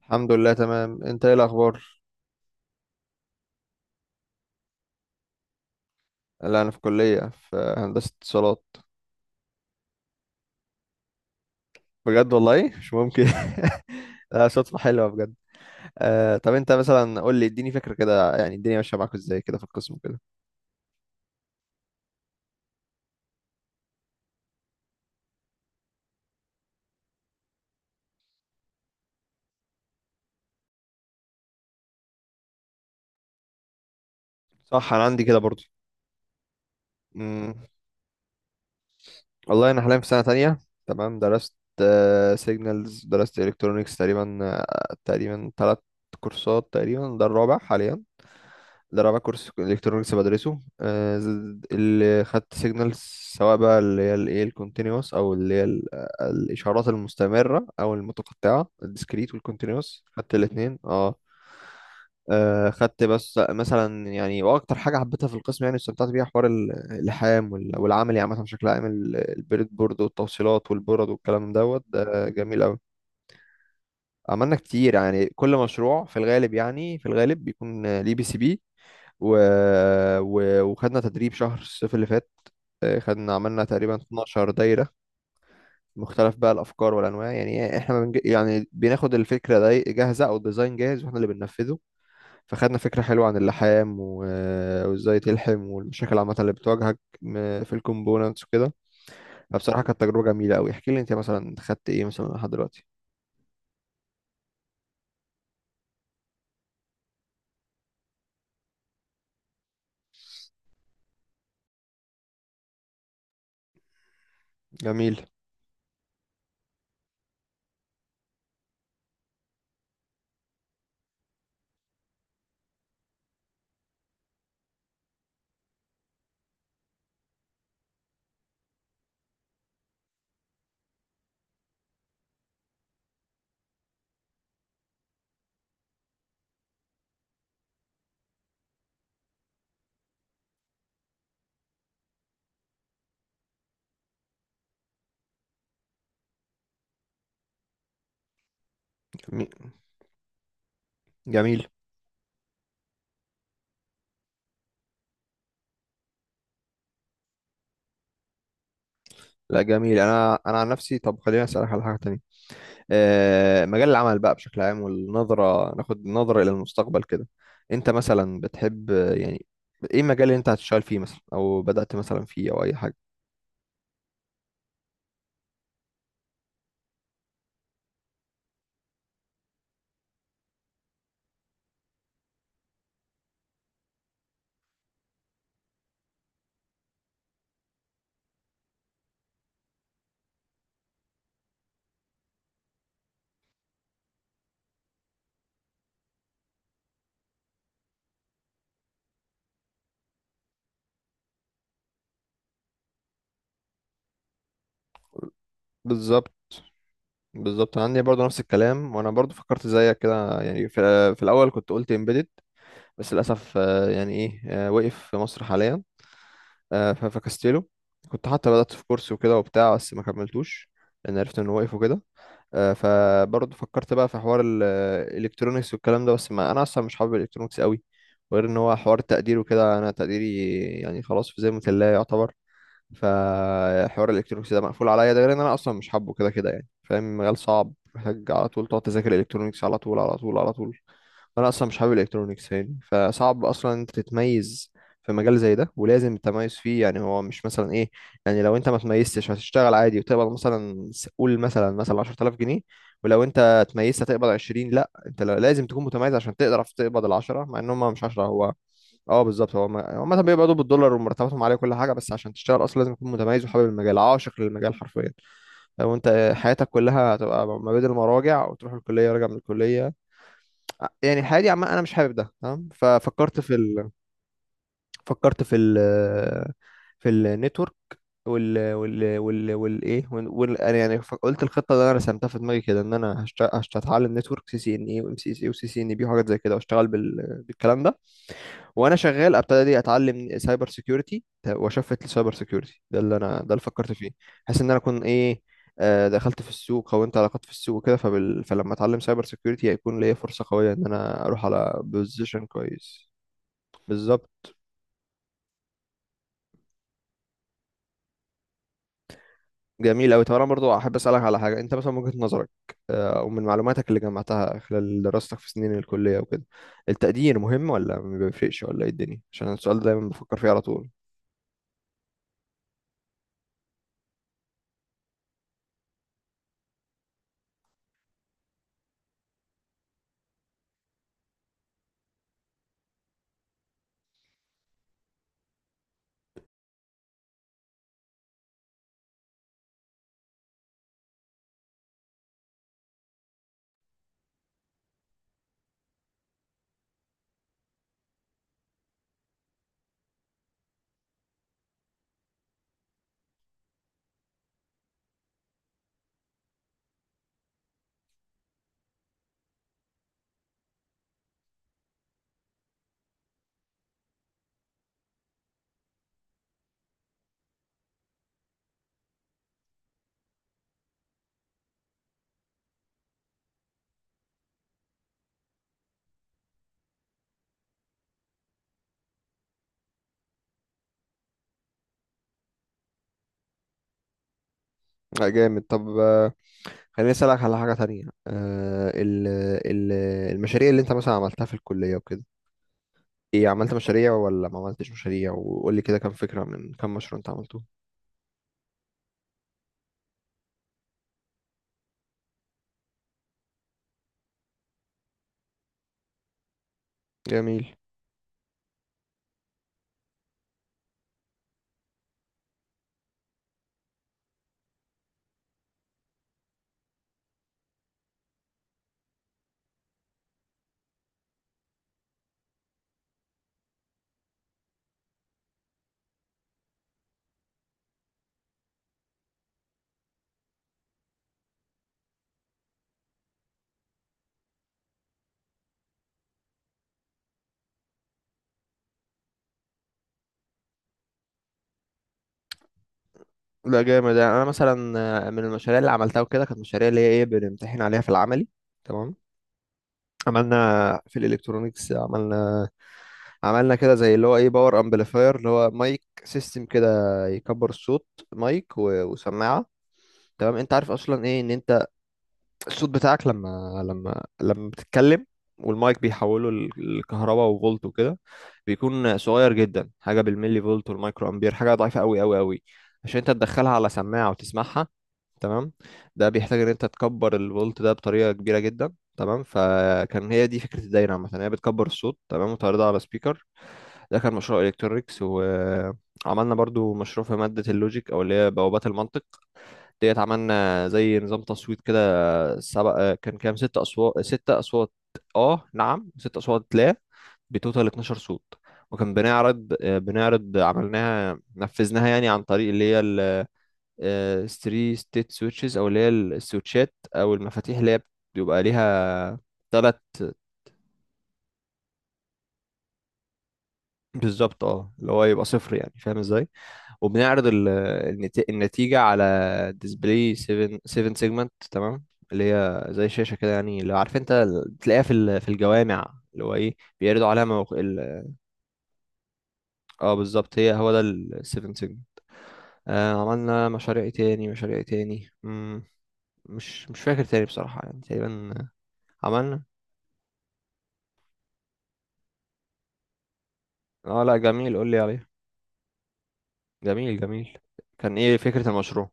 الحمد لله تمام، انت ايه الاخبار؟ لا انا في كليه، في هندسه اتصالات. بجد والله مش ممكن. لا صدفه حلوه بجد. آه، طب انت مثلا قول لي، اديني فكره كده، يعني الدنيا ماشيه معاك ازاي كده في القسم كده. صح، انا عندي كده برضو. امم والله انا حاليا في سنه تانية. تمام، درست سيجنالز، درست الكترونيكس تقريبا، تقريبا ثلاث كورسات، تقريبا ده الرابع حاليا. ده رابع كورس الكترونكس بدرسه، اللي خدت سيجنالز سواء بقى اللي هي الايه الكونتينوس، او اللي هي الاشارات المستمره او المتقطعه، الديسكريت والكونتينوس، خدت الاثنين. اه، خدت بس مثلا، يعني واكتر حاجه حبيتها في القسم يعني استمتعت بيها حوار اللحام والعملي عامه بشكل عام، البريد بورد والتوصيلات والبورد والكلام دوت، ده جميل قوي. عملنا كتير، يعني كل مشروع في الغالب، يعني في الغالب بيكون ليه بي سي بي و... وخدنا تدريب شهر الصيف اللي فات. خدنا عملنا تقريبا 12 دايرة، مختلف بقى الأفكار والأنواع. يعني إحنا يعني بناخد الفكرة دي جاهزة أو الديزاين جاهز وإحنا اللي بننفذه، فخدنا فكرة حلوة عن اللحام وإزاي تلحم، والمشاكل عامة اللي بتواجهك في الكومبوننتس وكده. فبصراحة كانت تجربة جميلة أوي. احكي لي أنت مثلا خدت إيه مثلا لحد دلوقتي. جميل. جميل. جميل. لا جميل. أنا عن نفسي، طب خليني أسألك على حاجة تانية. آه، مجال العمل بقى بشكل عام، والنظرة، ناخد نظرة إلى المستقبل كده. أنت مثلا بتحب، آه، يعني إيه المجال اللي أنت هتشتغل فيه مثلا، أو بدأت مثلا فيه أو أي حاجة؟ بالظبط. بالظبط، أنا عندي برضه نفس الكلام، وأنا برضه فكرت زيك كده، يعني في الأول كنت قلت إمبيدد، بس للأسف آه، يعني إيه آه، وقف في مصر حاليا، فكستله. كنت حتى بدأت في كورس وكده وبتاع، بس ما كملتوش لأن عرفت إنه وقف وكده. فبرضه فكرت بقى في حوار الالكترونيكس والكلام ده، بس ما انا اصلا مش حابب الالكترونيكس قوي، وغير ان هو حوار التقدير وكده، انا تقديري يعني خلاص، في زي الله يعتبر. فحوار الالكترونيكس ده مقفول عليا، ده غير ان انا اصلا مش حابه كده كده، يعني فاهم، مجال صعب، محتاج على طول تقعد تذاكر الالكترونيكس على طول على طول على طول. انا اصلا مش حابب الالكترونيكس، يعني فصعب اصلا انت تتميز في مجال زي ده، ولازم التميز فيه. يعني هو مش مثلا ايه، يعني لو انت ما تميزتش هتشتغل عادي وتقبض مثلا قول مثلا، مثلا 10000 جنيه، ولو انت اتميزت هتقبض 20، لا انت لازم تكون متميز عشان تقدر تقبض ال 10، مع ان هم مش 10. هو اه بالظبط، هو هم مثلا بيقبضوا بالدولار ومرتباتهم عاليه وكل حاجه، بس عشان تشتغل اصلا لازم تكون متميز وحابب المجال، عاشق للمجال حرفيا. لو انت حياتك كلها هتبقى ما بين المراجع وتروح الكليه، وراجع من الكليه، يعني الحياة دي عامة أنا مش حابب ده. تمام، ففكرت في ال... فكرت في ال... في النتورك وال وال وال والايه وال... وال... أنا يعني قلت الخطة اللي أنا رسمتها في دماغي كده، إن أنا هتعلم نتورك، سي سي إن إي وإم سي سي وسي سي إن بي وحاجات زي كده، وأشتغل بالكلام ده. وانا شغال ابتدي اتعلم سايبر سيكيورتي، واشفت للسايبر سيكيورتي ده، اللي انا ده اللي فكرت فيه، بحيث ان انا اكون ايه، دخلت في السوق، كونت علاقات في السوق وكده، فلما اتعلم سايبر سيكيورتي هيكون ليا فرصه قويه ان انا اروح على بوزيشن كويس. بالظبط. جميل قوي. طب انا برضو احب اسالك على حاجه، انت مثلا من وجهه نظرك، او من معلوماتك اللي جمعتها خلال دراستك في سنين الكليه وكده، التقدير مهم ولا ما بيفرقش ولا ايه الدنيا؟ عشان السؤال ده دايما بفكر فيه على طول. جامد. طب خليني أسألك على حاجة تانية. آه ال ال المشاريع اللي أنت مثلا عملتها في الكلية وكده، إيه، عملت مشاريع ولا ما عملتش مشاريع؟ وقول لي كده كام فكرة، من كام مشروع أنت عملته. جميل. لا جامد. يعني أنا مثلا، من المشاريع اللي عملتها وكده كانت مشاريع اللي هي إيه، بنمتحن عليها في العملي. تمام، عملنا في الإلكترونيكس عملنا عملنا كده زي اللي هو إيه، باور أمبليفاير، اللي هو مايك سيستم كده، يكبر الصوت. مايك وسماعة. تمام، أنت عارف أصلا إيه، إن أنت الصوت بتاعك لما لما بتتكلم، والمايك بيحوله لكهرباء وفولت وكده، بيكون صغير جدا، حاجه بالملي فولت والمايكرو امبير، حاجه ضعيفه قوي قوي قوي. عشان انت تدخلها على سماعه وتسمعها، تمام، ده بيحتاج ان انت تكبر الفولت ده بطريقه كبيره جدا. تمام، فكان هي دي فكره الدايره عامه، هي بتكبر الصوت تمام وتعرضها على سبيكر. ده كان مشروع الكترونكس. وعملنا برضو مشروع في ماده اللوجيك، او اللي هي بوابات المنطق ديت، عملنا زي نظام تصويت كده، سبع، كان كام، ست اصوات، ست اصوات. اه نعم ست اصوات، لا بتوتال 12 صوت. وكان بنعرض، عملناها نفذناها يعني عن طريق اللي هي الستري ستيت سويتشز، او اللي هي السويتشات او المفاتيح، اللي هي بيبقى ليها ثلاث. بالظبط، اه، اللي هو يبقى صفر، يعني فاهم ازاي. وبنعرض النتيجة على ديسبلاي 7، 7 سيجمنت. تمام، اللي هي زي شاشة كده يعني، اللي عارف انت بتلاقيها في في الجوامع، اللي هو ايه بيعرضوا عليها اه بالظبط، هي هو ده ال 7 سيجمنت. آه، عملنا مشاريع إيه تاني، مشاريع إيه تاني، مش فاكر تاني بصراحة، يعني تقريبا عملنا. اه لا جميل، قول لي عليه. جميل جميل، كان ايه فكرة المشروع؟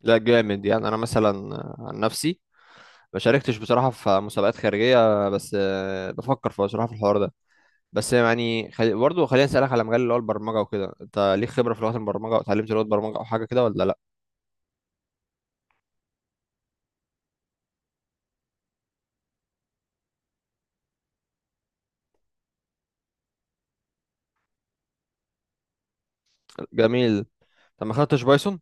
لا جامد. يعني انا مثلا عن نفسي ما شاركتش بصراحة في مسابقات خارجية، بس بفكر في بصراحة في الحوار ده. بس يعني برضه خليني أسألك على مجال اللي هو البرمجة وكده، أنت ليك خبرة في لغات البرمجة أو اتعلمت لغات برمجة أو حاجة كده ولا لأ؟ جميل. طب ما خدتش بايثون؟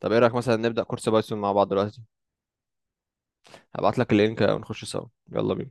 طب إيه رأيك مثلا نبدأ كورس بايثون مع بعض دلوقتي؟ هبعت لك اللينك ونخش سوا. يلا بينا.